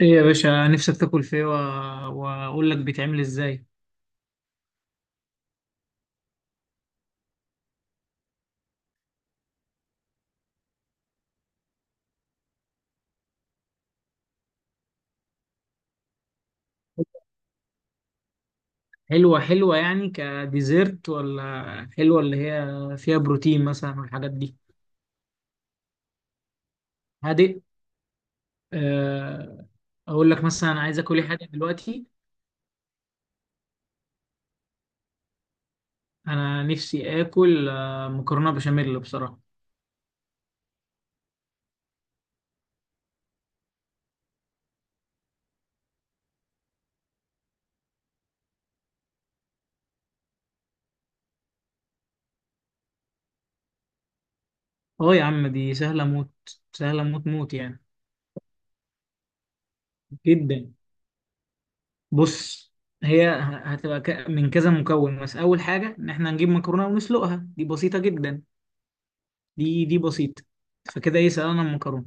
ايه يا باشا نفسك تاكل فيه واقول لك بيتعمل ازاي؟ حلوة يعني كديزرت ولا حلوة اللي هي فيها بروتين مثلا والحاجات دي؟ هادئ. آه، اقول لك مثلا، أنا عايز اكل ايه حاجة دلوقتي. انا نفسي اكل مكرونة بشاميل بصراحة. اه يا عم، دي سهلة موت. سهلة موت موت يعني. جدا. بص، هي هتبقى من كذا مكون. بس اول حاجة ان احنا نجيب مكرونة ونسلقها، دي بسيطة جدا. دي بسيطة. فكده ايه، سلقنا المكرونة.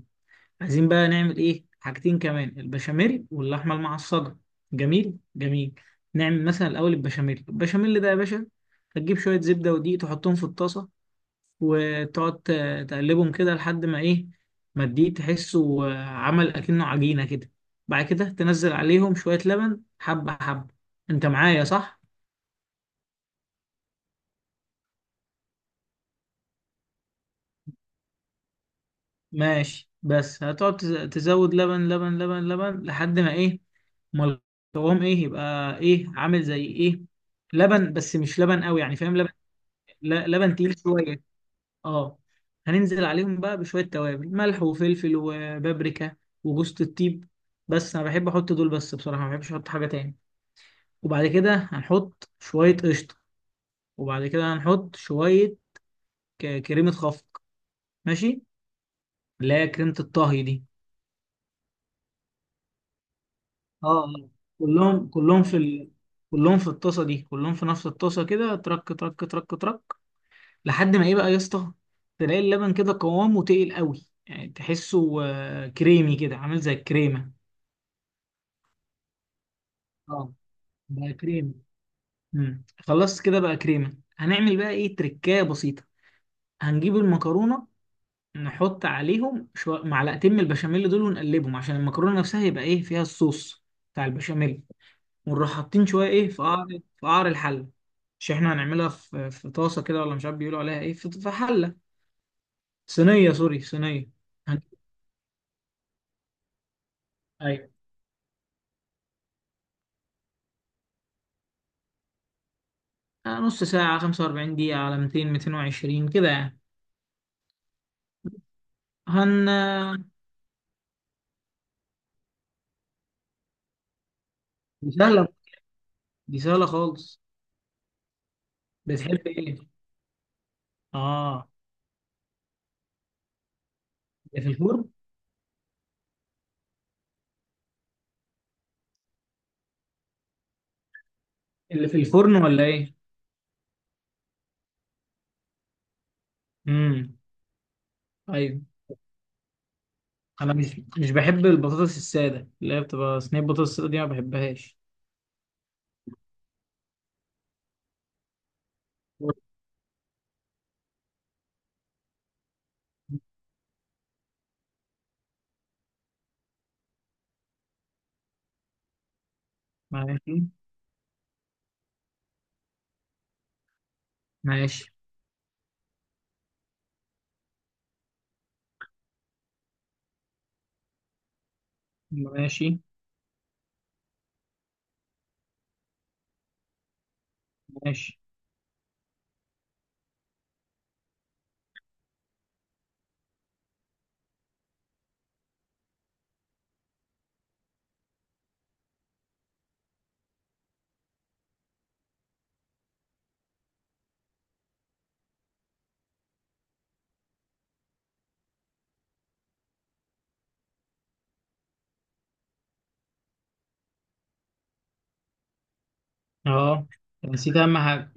عايزين بقى نعمل ايه؟ حاجتين كمان، البشاميل واللحمة المعصجة. جميل جميل. نعمل مثلا الأول البشاميل. البشاميل ده يا باشا، هتجيب شوية زبدة ودقيق تحطهم في الطاسة، وتقعد تقلبهم كده لحد ما ايه، ما الدقيق تحسه عمل أكنه عجينة كده. بعد كده تنزل عليهم شوية لبن، حبة حبة. انت معايا صح؟ ماشي، بس هتقعد تزود لبن لبن لبن لبن لحد ما ايه. امال. قوام ايه يبقى؟ ايه عامل زي ايه؟ لبن، بس مش لبن قوي يعني، فاهم؟ لبن، لبن تقيل شويه. اه. هننزل عليهم بقى بشويه توابل، ملح وفلفل وبابريكا وجوز الطيب. بس انا بحب احط دول بس بصراحه، ما بحبش احط حاجه تاني. وبعد كده هنحط شويه قشطه. وبعد كده هنحط شويه كريمه خفق. ماشي، اللي هي كريمه الطهي دي. اه. آه. كلهم كلهم في ال... كلهم في الطاسه دي، كلهم في نفس الطاسه كده، ترك ترك ترك ترك لحد ما ايه بقى يا اسطى، تلاقي اللبن كده قوامه تقيل قوي، يعني تحسه كريمي كده، عامل زي الكريمه. اه، بقى كريمي. خلصت كده بقى، كريمه. هنعمل بقى ايه؟ تركايه بسيطه. هنجيب المكرونه، نحط عليهم معلقتين من البشاميل دول ونقلبهم، عشان المكرونه نفسها يبقى ايه، فيها الصوص بتاع البشاميل. ونروح حاطين شويه ايه، في قعر الحله. مش احنا هنعملها في في طاسه كده، ولا مش عارف بيقولوا عليها ايه، في حله. صينيه، سوري، صينيه. هن- أيوة. نص ساعة، 45 دقيقة، على 200 220 كده يعني. هن آه، دي سهلة. دي سهلة خالص. بتحب ايه؟ اه، اللي في الفرن. اللي في الفرن ولا ايه؟ امم. ايوه، انا مش بحب البطاطس السادة، اللي هي بتبقى صينية بطاطس السادة دي، ما بحبهاش. ماشي ماشي ماشي ماشي. اه، نسيت اهم حاجة.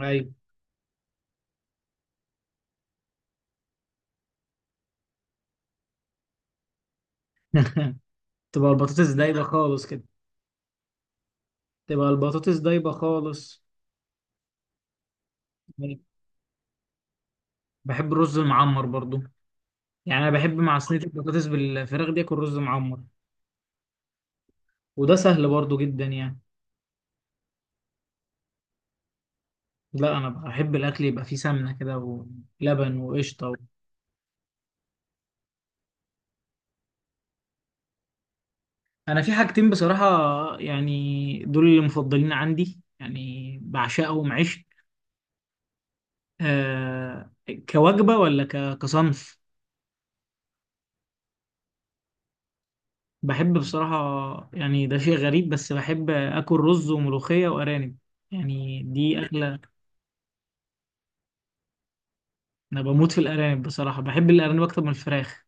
ايوه. تبقى البطاطس دايبة خالص كده. تبقى البطاطس دايبة خالص. بحب الرز المعمر برضو. يعني انا بحب مع صينيه البطاطس بالفراخ دي اكل رز معمر. وده سهل برضو جدا يعني. لا، انا بحب الاكل يبقى فيه سمنه كده، ولبن وقشطه. انا في حاجتين بصراحه، يعني دول اللي مفضلين عندي، يعني بعشقهم عشق. آه كوجبه ولا كصنف. بحب بصراحه، يعني ده شيء غريب، بس بحب اكل رز وملوخيه وارانب. يعني دي اكله. انا بموت في الارانب بصراحه، بحب الارانب اكتر من الفراخ.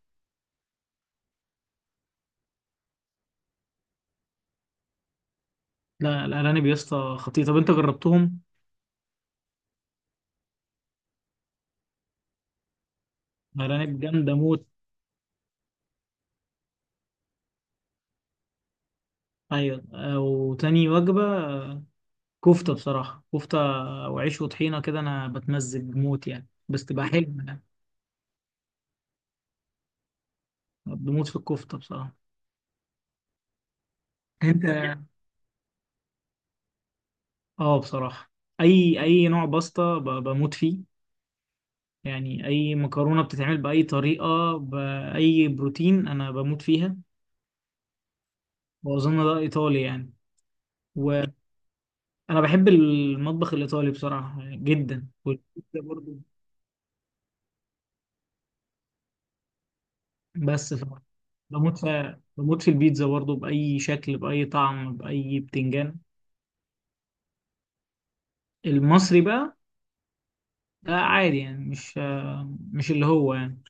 لا، الارانب يا اسطى خطيره، طب انت جربتهم؟ أرانب جامدة موت. أيوة. وتاني وجبة، كفتة بصراحة، كفتة وعيش وطحينة كده، أنا بتمزج موت يعني، بس تبقى حلوة يعني. بموت في الكفتة بصراحة. أنت. بصراحة، أي نوع باستا بموت فيه. يعني أي مكرونة بتتعمل بأي طريقة بأي بروتين، أنا بموت فيها. وأظن ده إيطالي يعني. وأنا بحب المطبخ الإيطالي بصراحة، يعني جدا، والبيتزا برضه. بس بموت في البيتزا برضه، بأي شكل بأي طعم بأي بتنجان. المصري بقى، ده عادي يعني، مش اللي هو يعني.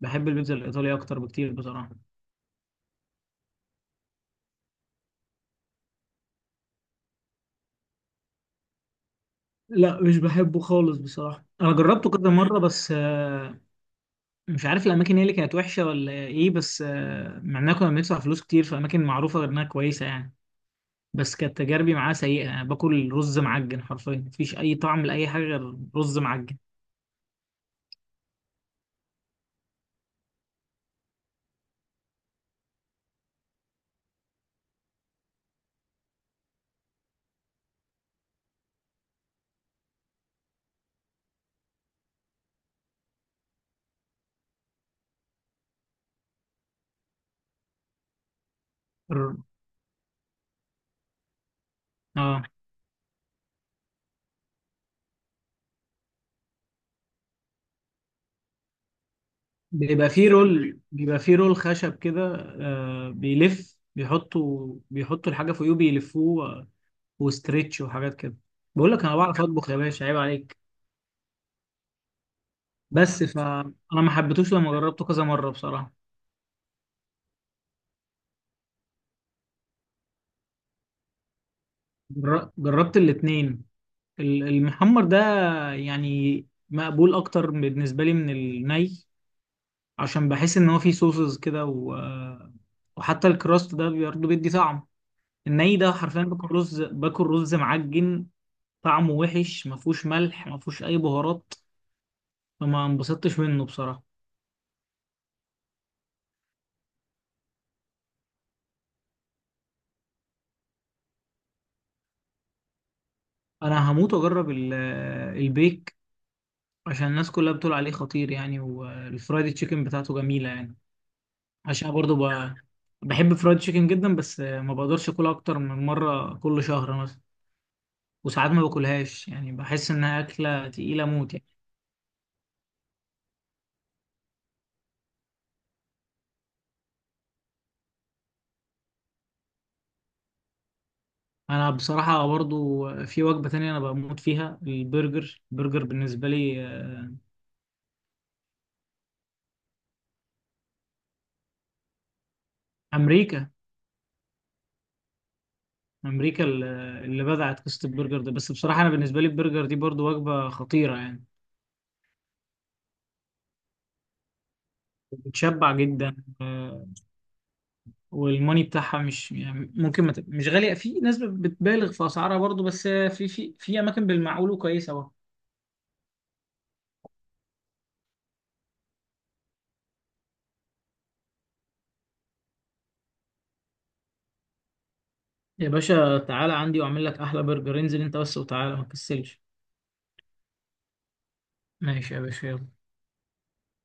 بحب البيتزا الإيطالية أكتر بكتير بصراحة. لا، مش بحبه خالص بصراحة. أنا جربته كذا مرة، بس مش عارف الأماكن هي اللي كانت وحشة ولا إيه، بس مع إننا كنا بندفع فلوس كتير في أماكن معروفة، غير إنها كويسة يعني. بس كانت تجاربي معاه سيئة، أنا باكل رز معجن حرفيا، مفيش أي طعم لأي حاجة غير رز معجن. الر- اه، بيبقى فيه رول خشب كده. بيلف، بيحطوا الحاجة فوقيه، بيلفوه، وستريتش وحاجات كده. بقول لك انا بعرف اطبخ يا باشا، عيب عليك. بس فانا ما حبيتوش لما جربته كذا مرة بصراحة. جربت الاتنين. المحمر ده يعني مقبول اكتر بالنسبة لي من الني، عشان بحس ان هو فيه صوصز كده و... آه، وحتى الكراست ده برضه بيدي طعم. الني ده حرفيا باكل رز معجن، طعمه وحش، ما فيهوش ملح ما فيهوش اي بهارات، فما انبسطتش منه بصراحه. انا هموت واجرب البيك، عشان الناس كلها بتقول عليه خطير يعني، والفرايد تشيكن بتاعته جميله يعني. عشان برضو بحب فرايد تشيكن جدا، بس ما بقدرش اكلها اكتر من مره كل شهر مثلا. وساعات ما باكلهاش يعني، بحس انها اكله تقيله موت يعني. انا بصراحه برضو في وجبه تانية انا بموت فيها، البرجر. البرجر بالنسبه لي امريكا. امريكا اللي بدعت قصه البرجر ده. بس بصراحه انا بالنسبه لي البرجر دي برضو وجبه خطيره يعني. بتشبع جدا. والموني بتاعها مش يعني، ممكن ما تب- مش غاليه، في ناس بتبالغ في اسعارها برضو، بس في اماكن بالمعقول وكويسه برضو. يا باشا تعالى عندي واعمل لك احلى برجر، انزل انت بس وتعالى، ما تكسلش. ماشي يا باشا، يلا.